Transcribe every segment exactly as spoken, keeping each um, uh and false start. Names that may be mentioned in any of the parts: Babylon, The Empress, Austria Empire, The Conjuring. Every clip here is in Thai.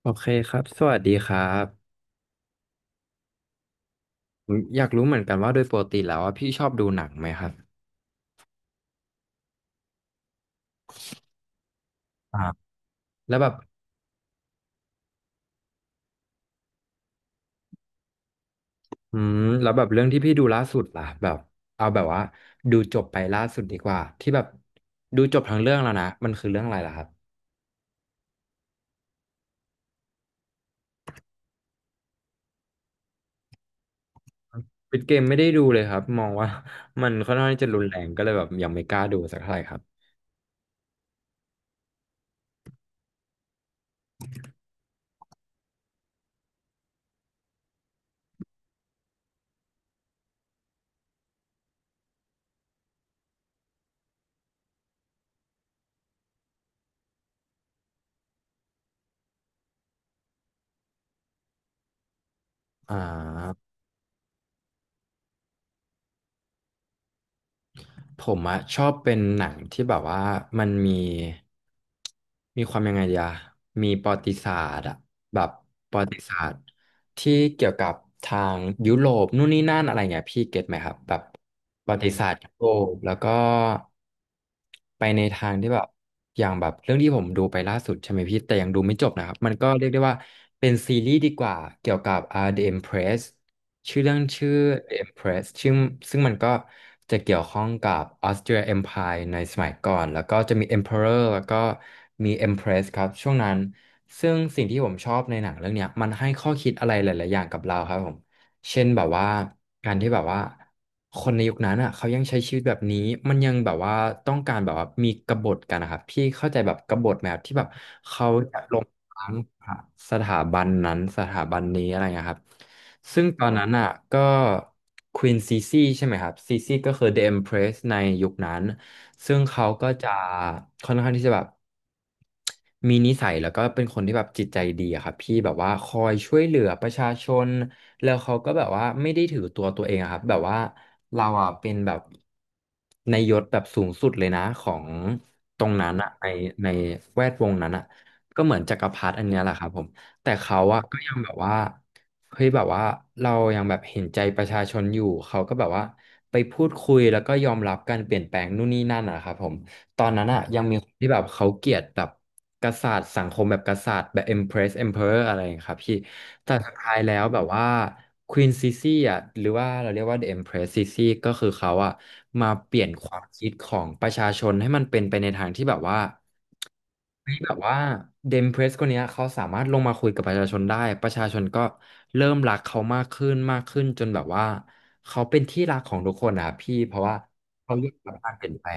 โอเคครับ สวัสดีครับผมอยากรู้เหมือนกันว่าโดยปกติแล้วว่าพี่ชอบดูหนังไหมครับอ่าแล้วแบบอืมแล้วแบบเรื่องที่พี่ดูล่าสุดล่ะแบบเอาแบบว่าดูจบไปล่าสุดดีกว่าที่แบบดูจบทั้งเรื่องแล้วนะมันคือเรื่องอะไรล่ะครับปิดเกมไม่ได้ดูเลยครับมองว่า มันค่อนข้างที่จะรุนแรงก็เลยแบบยังไม่กล้าดูสักเท่าไหร่ครับอ่า ผมอะชอบเป็นหนังที่แบบว่ามันมีมีความยังไงดีอะมีประวัติศาสตร์อะแบบประวัติศาสตร์ที่เกี่ยวกับทางยุโรปนู่นนี่นั่นอะไรเงี้ยพี่เก็ตไหมครับแบบประวัติศาสตร์ยุโรปแล้วก็ไปในทางที่แบบอย่างแบบเรื่องที่ผมดูไปล่าสุดใช่ไหมพี่แต่ยังดูไม่จบนะครับมันก็เรียกได้ว่าเป็นซีรีส์ดีกว่าเกี่ยวกับ uh, The Empress ชื่อเรื่องชื่อ ดิ เอ็มเพรส ชื่อซึ่งมันก็จะเกี่ยวข้องกับ ออสเตรีย เอ็มไพร์ ในสมัยก่อนแล้วก็จะมี Emperor แล้วก็มี เอ็มเพรส ครับช่วงนั้นซึ่งสิ่งที่ผมชอบในหนังเรื่องเนี้ยมันให้ข้อคิดอะไรหลายๆอย่างกับเราครับผมเช่นแบบว่าการที่แบบว่าคนในยุคนั้นอ่ะเขายังใช้ชีวิตแบบนี้มันยังแบบว่าต้องการแบบว่ามีกบฏกันนะครับพี่เข้าใจแบบกบฏไหมครับที่แบบเขาจะลง ทั้งสถาบันนั้นสถาบันนี้อะไรเงี้ยครับซึ่งตอนนั้นอ่ะก็ควีนซีซีใช่ไหมครับซีซีก็คือ The Empress ในยุคนั้นซึ่งเขาก็จะค่อนข้างที่จะแบบมีนิสัยแล้วก็เป็นคนที่แบบจิตใจดีอะครับพี่แบบว่าคอยช่วยเหลือประชาชนแล้วเขาก็แบบว่าไม่ได้ถือตัวตัวเองอะครับแบบว่าเราอ่ะเป็นแบบในยศแบบสูงสุดเลยนะของตรงนั้นอะในในแวดวงนั้นอะ ก็เหมือนจักรพรรดิอันเนี้ยแหละครับผมแต่เขาอะก็ยังแบบว่าเฮ้ยแบบว่าเรายังแบบเห็นใจประชาชนอยู่เขาก็แบบว่าไปพูดคุยแล้วก็ยอมรับการเปลี่ยนแปลงนู่นนี่นั่นนะครับผมตอนนั้นอะยังมีคนที่แบบเขาเกลียดแบบกษัตริย์สังคมแบบกษัตริย์แบบ เอ็มเพรส เอ็มเพอเรอร์ อะไรอย่างเงี้ยครับพี่แต่สุดท้ายแล้วแบบว่า ควีน ซีซี อ่ะหรือว่าเราเรียกว่า ดิ เอ็มเพรส ซีซี ก็คือเขาอ่ะมาเปลี่ยนความคิดของประชาชนให้มันเป็นไปในทางที่แบบว่า เฮ้ยแบบว่าเดมเพรสคนเนี้ยเขาสามารถลงมาคุยกับประชาชนได้ประชาชนก็เริ่มรักเขามากขึ้นมากขึ้นจนแบบว่าเขาเป็นที่รักของทุกคนนะครับพี่เพราะว่าเขายอมรับการเปลี่ยนแปล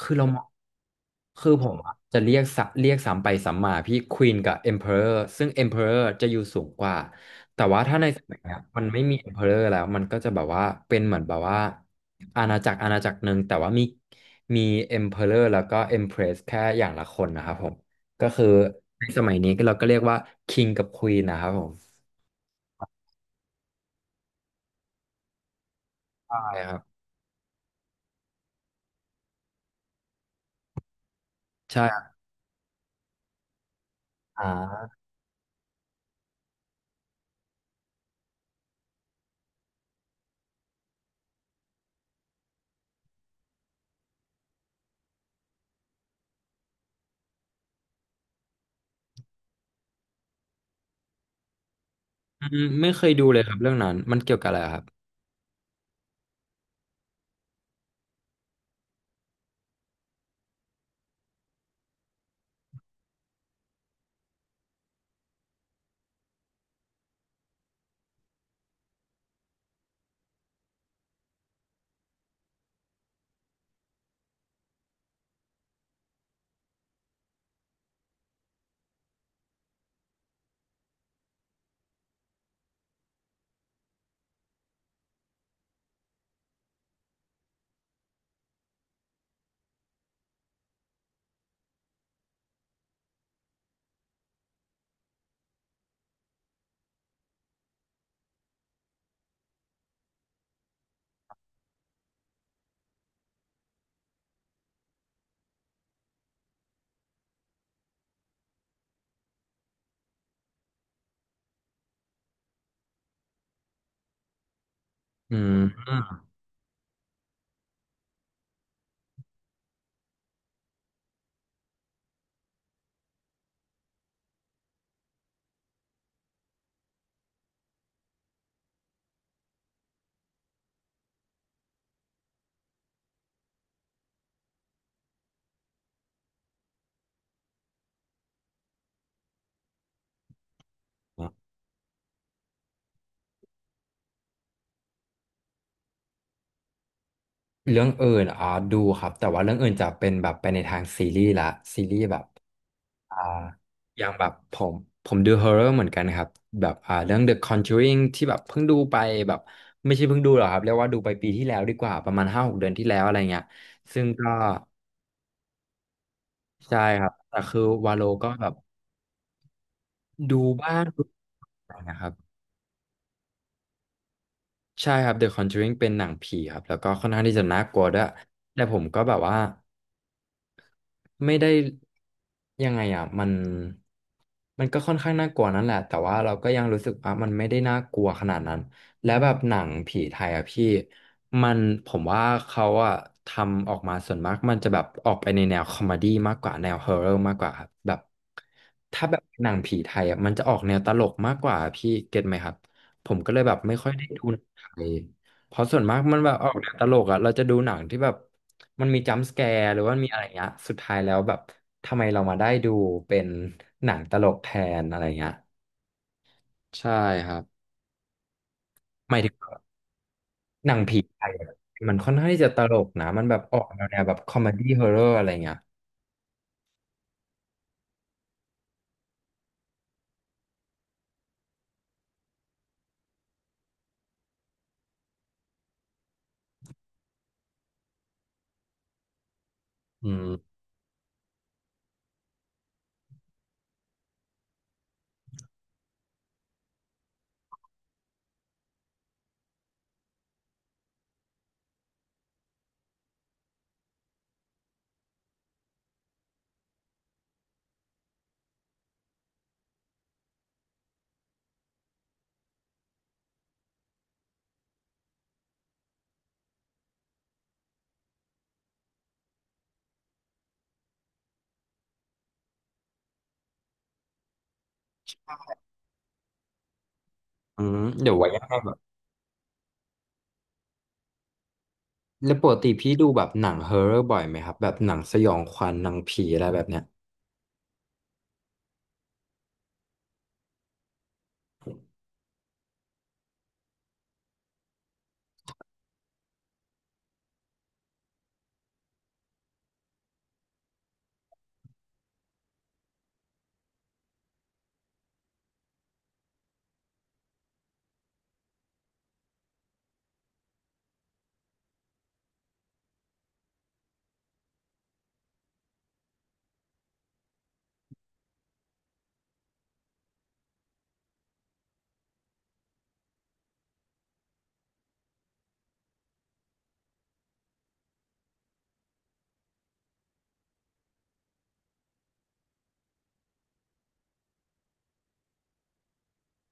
คือเรามองคือผมอะจะเรียกสัเรียกสามไปสามมาพี่ควีนกับเอ็มเพออร์ซึ่งเอ็มเพออร์จะอยู่สูงกว่าแต่ว่าถ้าในสมัยเนี้ยมันไม่มีเอ็มเพออร์แล้วมันก็จะแบบว่าเป็นเหมือนแบบว่าอาณาจักรอาณาจักรหนึ่งแต่ว่ามีมีเอ็มเพออร์แล้วก็เอ็มเพรสแค่อย่างละคนนะครับผมก็คือในสมัยนี้ก็เราก็เรียกว่าคิงกับควีนนะครับผมใช่ครับใช่ครับอ่าอืมไม่เคยดูเลยครับเรื่องนั้นมันเกี่ยวกับอะไรครับอืม เรื่องอื่นอ่าดูครับแต่ว่าเรื่องอื่นจะเป็นแบบไปในทางซีรีส์ละซีรีส์แบบอ่าอย่างแบบผมผมดูฮอ r ์เรอร์เหมือนกันครับแบบอ่าเรื่อง The Conjuring ที่แบบเพิ่งดูไปแบบไม่ใช่เพิ่งดูหรอกครับเรียกว่าดูไปปีที่แล้วดีกว่าประมาณห้าหกเดือนที่แล้วอะไรเงี้ยซึ่งก็ใช่ครับแต่คือวาโลก็แบบดูบ้างดูบ้างนะครับใช่ครับ The Conjuring เป็นหนังผีครับแล้วก็ค่อนข้างที่จะน่ากลัวด้วยแต่ผมก็แบบว่า ไม่ได้ยังไงอ่ะมันมันก็ค่อนข้างน่ากลัวนั่นแหละแต่ว่าเราก็ยังรู้สึกว่ามันไม่ได้น่ากลัวขนาดนั้นและแบบหนังผีไทยอ่ะพี่มันผมว่าเขาอ่ะทำออกมาส่วนมากมันจะแบบออกไปในแนวคอมเมดี้มากกว่าแนวฮอร์เรอร์มากกว่าครับแบบถ้าแบบหนังผีไทยอ่ะมันจะออกแนวตลกมากกว่าพี่เก็ตไหมครับผมก็เลยแบบไม่ค่อยได้ดูหนังไทย เพราะส่วนมากมันแบบออกแนวตลกอ่ะเราจะดูหนังที่แบบมันมีจัมป์สแกร์หรือว่ามีอะไรเงี้ย สุดท้ายแล้วแบบทำไมเรามาได้ดูเป็นหนังตลกแทนอะไรเงี้ยใช่ครับหมายถึงว่าหนังผีไทยอะมันค่อนข้างที่จะตลกนะมันแบบออกแนวแนวแบบคอมเมดี้ฮอร์เรอร์อะไรเงี้ยอืมอืมเดี๋ยวไว้ยังไงแบบแล้วปกติพี่ดูแบบหนังฮอร์เรอร์บ่อยไหมครับแบบหนังสยองขวัญหนังผีอะไรแบบเนี้ย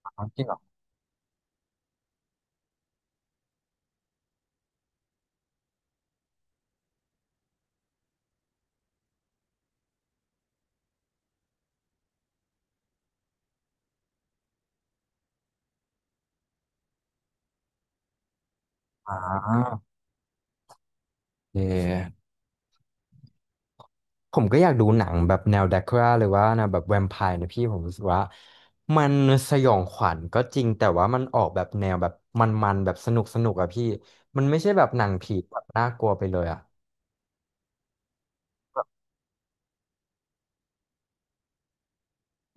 อ๋อจริงเหรออ่าโอเค ผมก็อยากดูหนังแบบแนวแดกคราหรือว่าแนวแบบแวมไพร์นะพี่ผมรู้สึกว่ามันสยองขวัญก็จริงแต่ว่ามันออกแบบแนวแบบมันๆแบบสนุกสนุกอะพี่มันไม่ใช่แบบหนังผีแบบน่ากลัวไปเลยอะ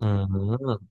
อืม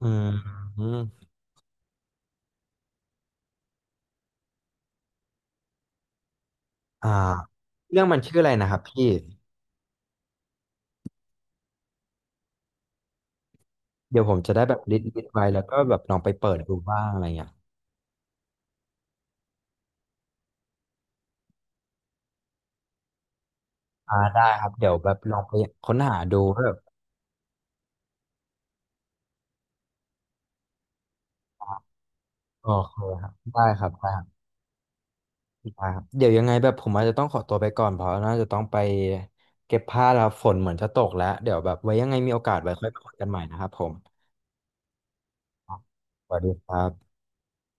อืมอืมอ่าเรื่องมันชื่ออะไรนะครับพี่เดี๋ยวผมจะได้แบบลิสต์ลิสต์ไว้แล้วก็แบบลองไปเปิดดูบ้างอะไรเงี้ยอ่าได้ครับเดี๋ยวแบบลองไปค้นหาดูว่าแบบอโอเคครับได้ครับได้ ได้ครับเดี๋ยวยังไงแบบผมอาจจะต้องขอตัวไปก่อนเพราะน่าจะต้องไปเก็บผ้าแล้วฝนเหมือนจะตกแล้วเดี๋ยวแบบไว้ยังไงมีโอกาสไว้ค่อยมาคุยกันใหม่นะครับผมสวัสดีครับ